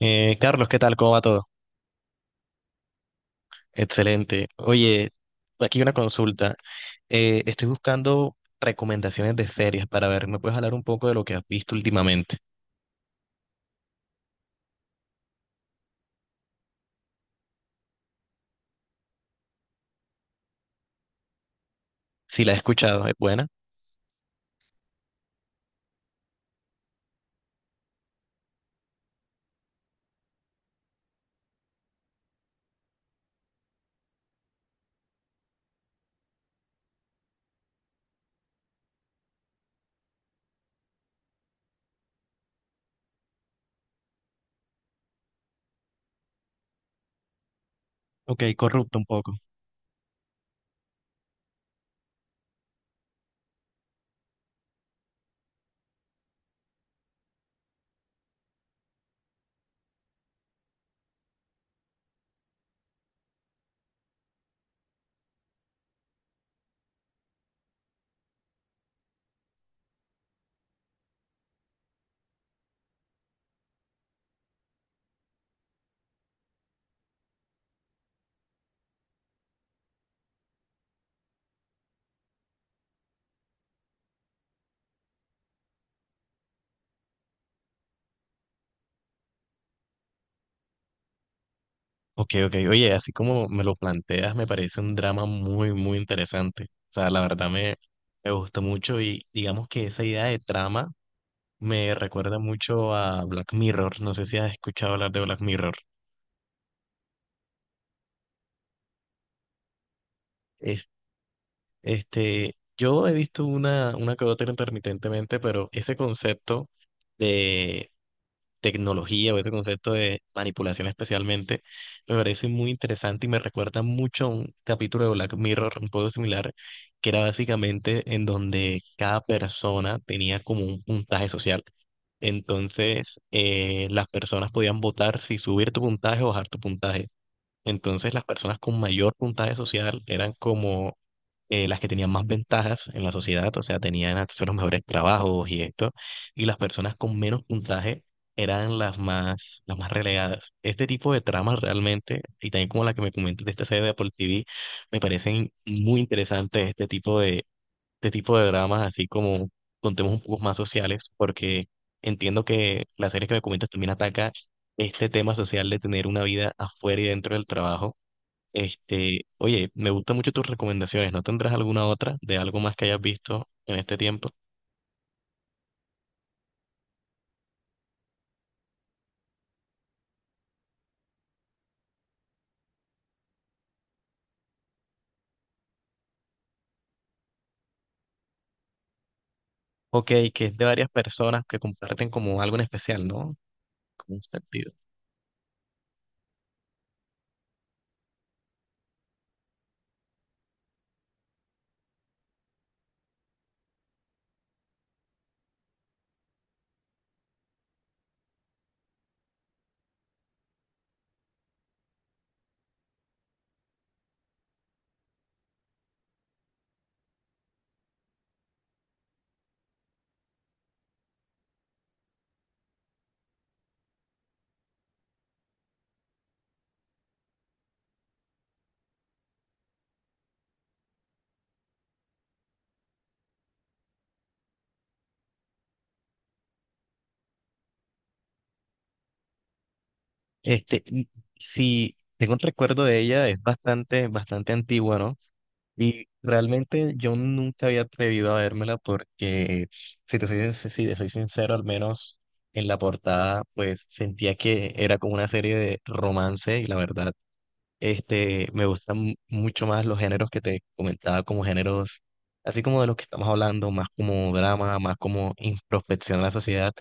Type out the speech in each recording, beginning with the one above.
Carlos, ¿qué tal? ¿Cómo va todo? Excelente. Oye, aquí una consulta. Estoy buscando recomendaciones de series para ver. ¿Me puedes hablar un poco de lo que has visto últimamente? Si la he escuchado, ¿es buena? Ok, corrupta un poco. Ok, ok. Oye, así como me lo planteas, me parece un drama muy, muy interesante. O sea, la verdad me gustó mucho y digamos que esa idea de trama me recuerda mucho a Black Mirror. No sé si has escuchado hablar de Black Mirror. Eh, yo he visto una que otra intermitentemente, pero ese concepto de tecnología o ese concepto de manipulación especialmente me parece muy interesante y me recuerda mucho a un capítulo de Black Mirror un poco similar, que era básicamente en donde cada persona tenía como un puntaje social. Entonces, las personas podían votar si subir tu puntaje o bajar tu puntaje. Entonces las personas con mayor puntaje social eran como las que tenían más ventajas en la sociedad, o sea, tenían acceso a los mejores trabajos y esto, y las personas con menos puntaje eran las más relegadas. Este tipo de tramas realmente, y también como la que me comentas de esta serie de Apple TV, me parecen muy interesantes este tipo de dramas, así como contemos un poco más sociales, porque entiendo que la serie que me comentas también ataca este tema social de tener una vida afuera y dentro del trabajo. Este, oye, me gustan mucho tus recomendaciones. ¿No tendrás alguna otra de algo más que hayas visto en este tiempo? Ok, que es de varias personas que comparten como algo en especial, ¿no? Como un sentido. Este, y si tengo un recuerdo de ella, es bastante, bastante antigua, ¿no? Y realmente yo nunca había atrevido a vérmela porque, si te soy sincero, al menos en la portada, pues sentía que era como una serie de romance y la verdad, este, me gustan mucho más los géneros que te comentaba como géneros, así como de los que estamos hablando, más como drama, más como introspección a la sociedad.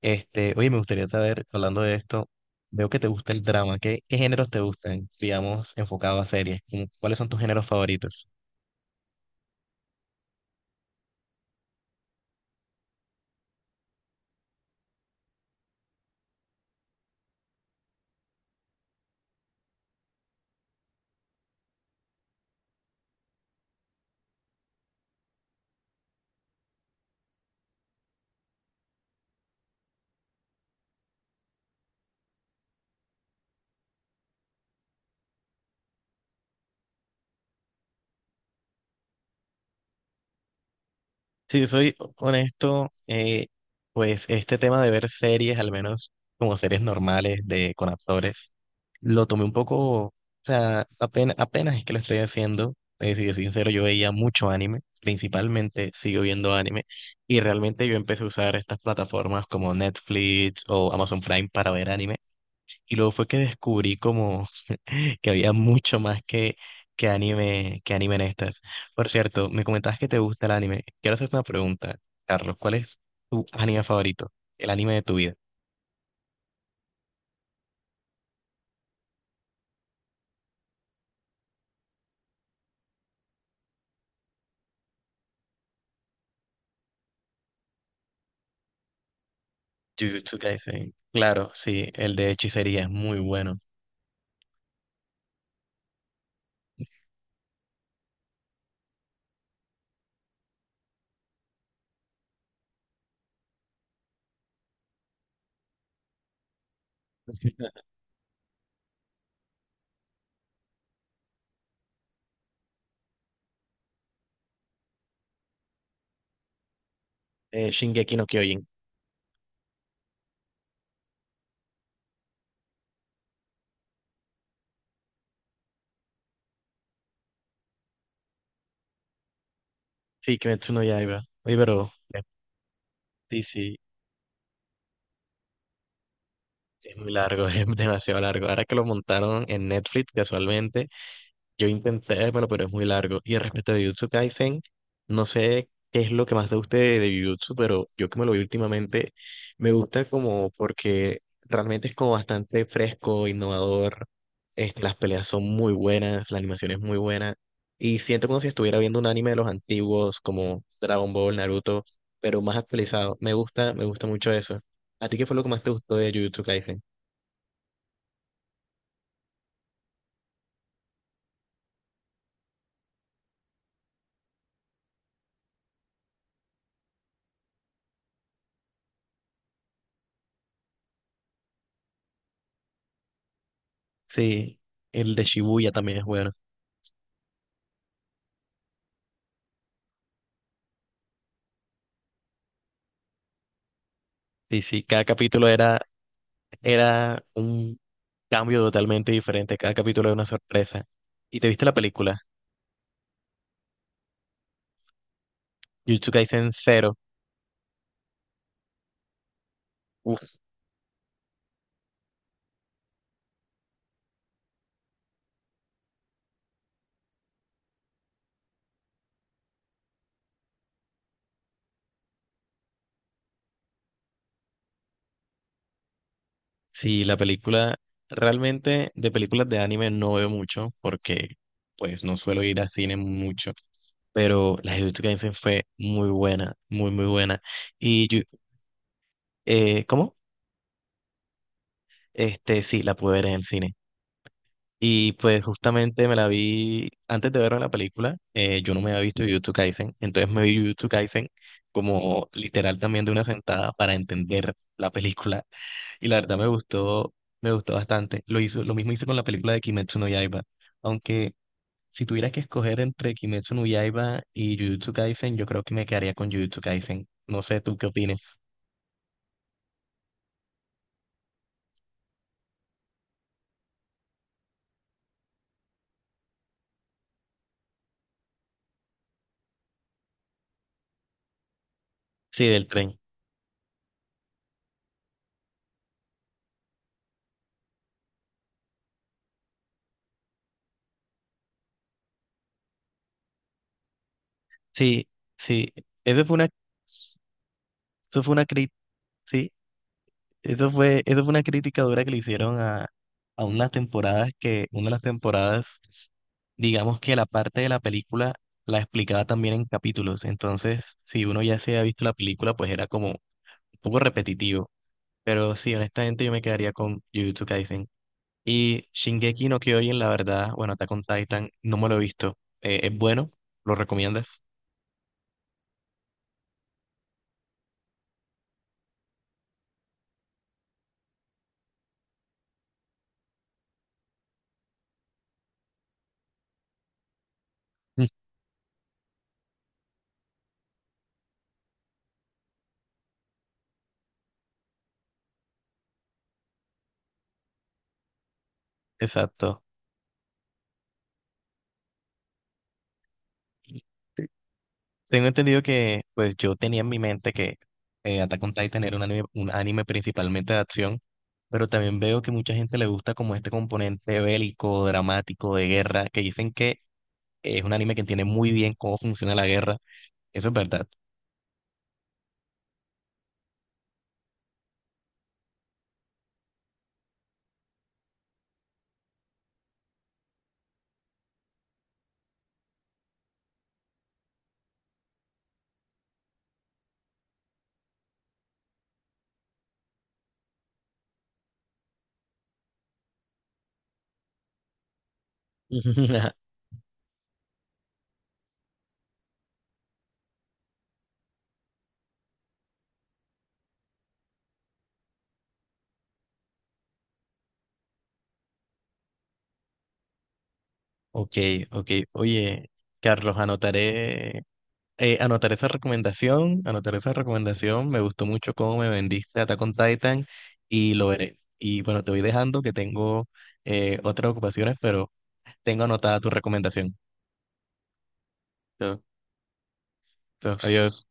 Este, oye, me gustaría saber, hablando de esto, veo que te gusta el drama, ¿qué géneros te gustan, digamos, enfocado a series? ¿Cuáles son tus géneros favoritos? Si soy honesto, pues este tema de ver series, al menos como series normales de con actores, lo tomé un poco, o sea, apenas, apenas es que lo estoy haciendo. Si yo soy sincero, yo veía mucho anime, principalmente sigo viendo anime, y realmente yo empecé a usar estas plataformas como Netflix o Amazon Prime para ver anime. Y luego fue que descubrí como que había mucho más que que anime en estas. Por cierto, me comentabas que te gusta el anime. Quiero hacerte una pregunta, Carlos. ¿Cuál es tu anime favorito? El anime de tu vida. Jujutsu Kaisen. Claro, sí, el de hechicería es muy bueno. Shingeki no Kyojin. Sí, Kimetsu no Yaiba. Oye, sí, sí, es muy largo, es demasiado largo. Ahora que lo montaron en Netflix casualmente. Yo intenté vérmelo, pero es muy largo. Y respecto a Jujutsu Kaisen, no sé qué es lo que más te guste de Jujutsu, pero yo que me lo vi últimamente, me gusta como porque realmente es como bastante fresco, innovador. Este, las peleas son muy buenas, la animación es muy buena. Y siento como si estuviera viendo un anime de los antiguos, como Dragon Ball, Naruto, pero más actualizado. Me gusta mucho eso. ¿A ti qué fue lo que más te gustó de Jujutsu Kaisen? Sí, el de Shibuya también es bueno. Sí, sí, cada capítulo era un cambio totalmente diferente. Cada capítulo era una sorpresa. ¿Y te viste la película? Jujutsu Kaisen Zero. Uf, sí, la película, realmente de películas de anime no veo mucho porque pues no suelo ir a cine mucho, pero la de Jujutsu Kaisen fue muy buena, muy, muy buena. Y, yo- ¿Cómo? Este, sí, la pude ver en el cine. Y pues justamente me la vi antes de ver la película, yo no me había visto Jujutsu Kaisen, entonces me vi Jujutsu Kaisen como literal también de una sentada para entender la película y la verdad me gustó bastante. Lo mismo hice con la película de Kimetsu no Yaiba, aunque si tuviera que escoger entre Kimetsu no Yaiba y Jujutsu Kaisen, yo creo que me quedaría con Jujutsu Kaisen. No sé, ¿tú qué opinas? Sí, del tren. Sí, sí, eso fue una, eso fue una crítica, eso fue una crítica dura que le hicieron a unas temporadas una de las temporadas, digamos que la parte de la película la explicaba también en capítulos. Entonces, si uno ya se ha visto la película, pues era como un poco repetitivo. Pero sí, honestamente yo me quedaría con Jujutsu Kaisen. Y Shingeki no Kyojin, la verdad, bueno, Attack on Titan, no me lo he visto. ¿Es bueno? ¿Lo recomiendas? Mm. Exacto. Tengo entendido que, pues yo tenía en mi mente que Attack on Titan era un anime principalmente de acción, pero también veo que mucha gente le gusta como este componente bélico, dramático, de guerra, que dicen que es un anime que entiende muy bien cómo funciona la guerra. Eso es verdad. Ok, ok. Oye, Carlos, anotar esa recomendación, anotar esa recomendación. Me gustó mucho cómo me vendiste Attack on Titan y lo veré. Y bueno, te voy dejando que tengo otras ocupaciones, pero tengo anotada tu recomendación. Entonces, entonces, adiós.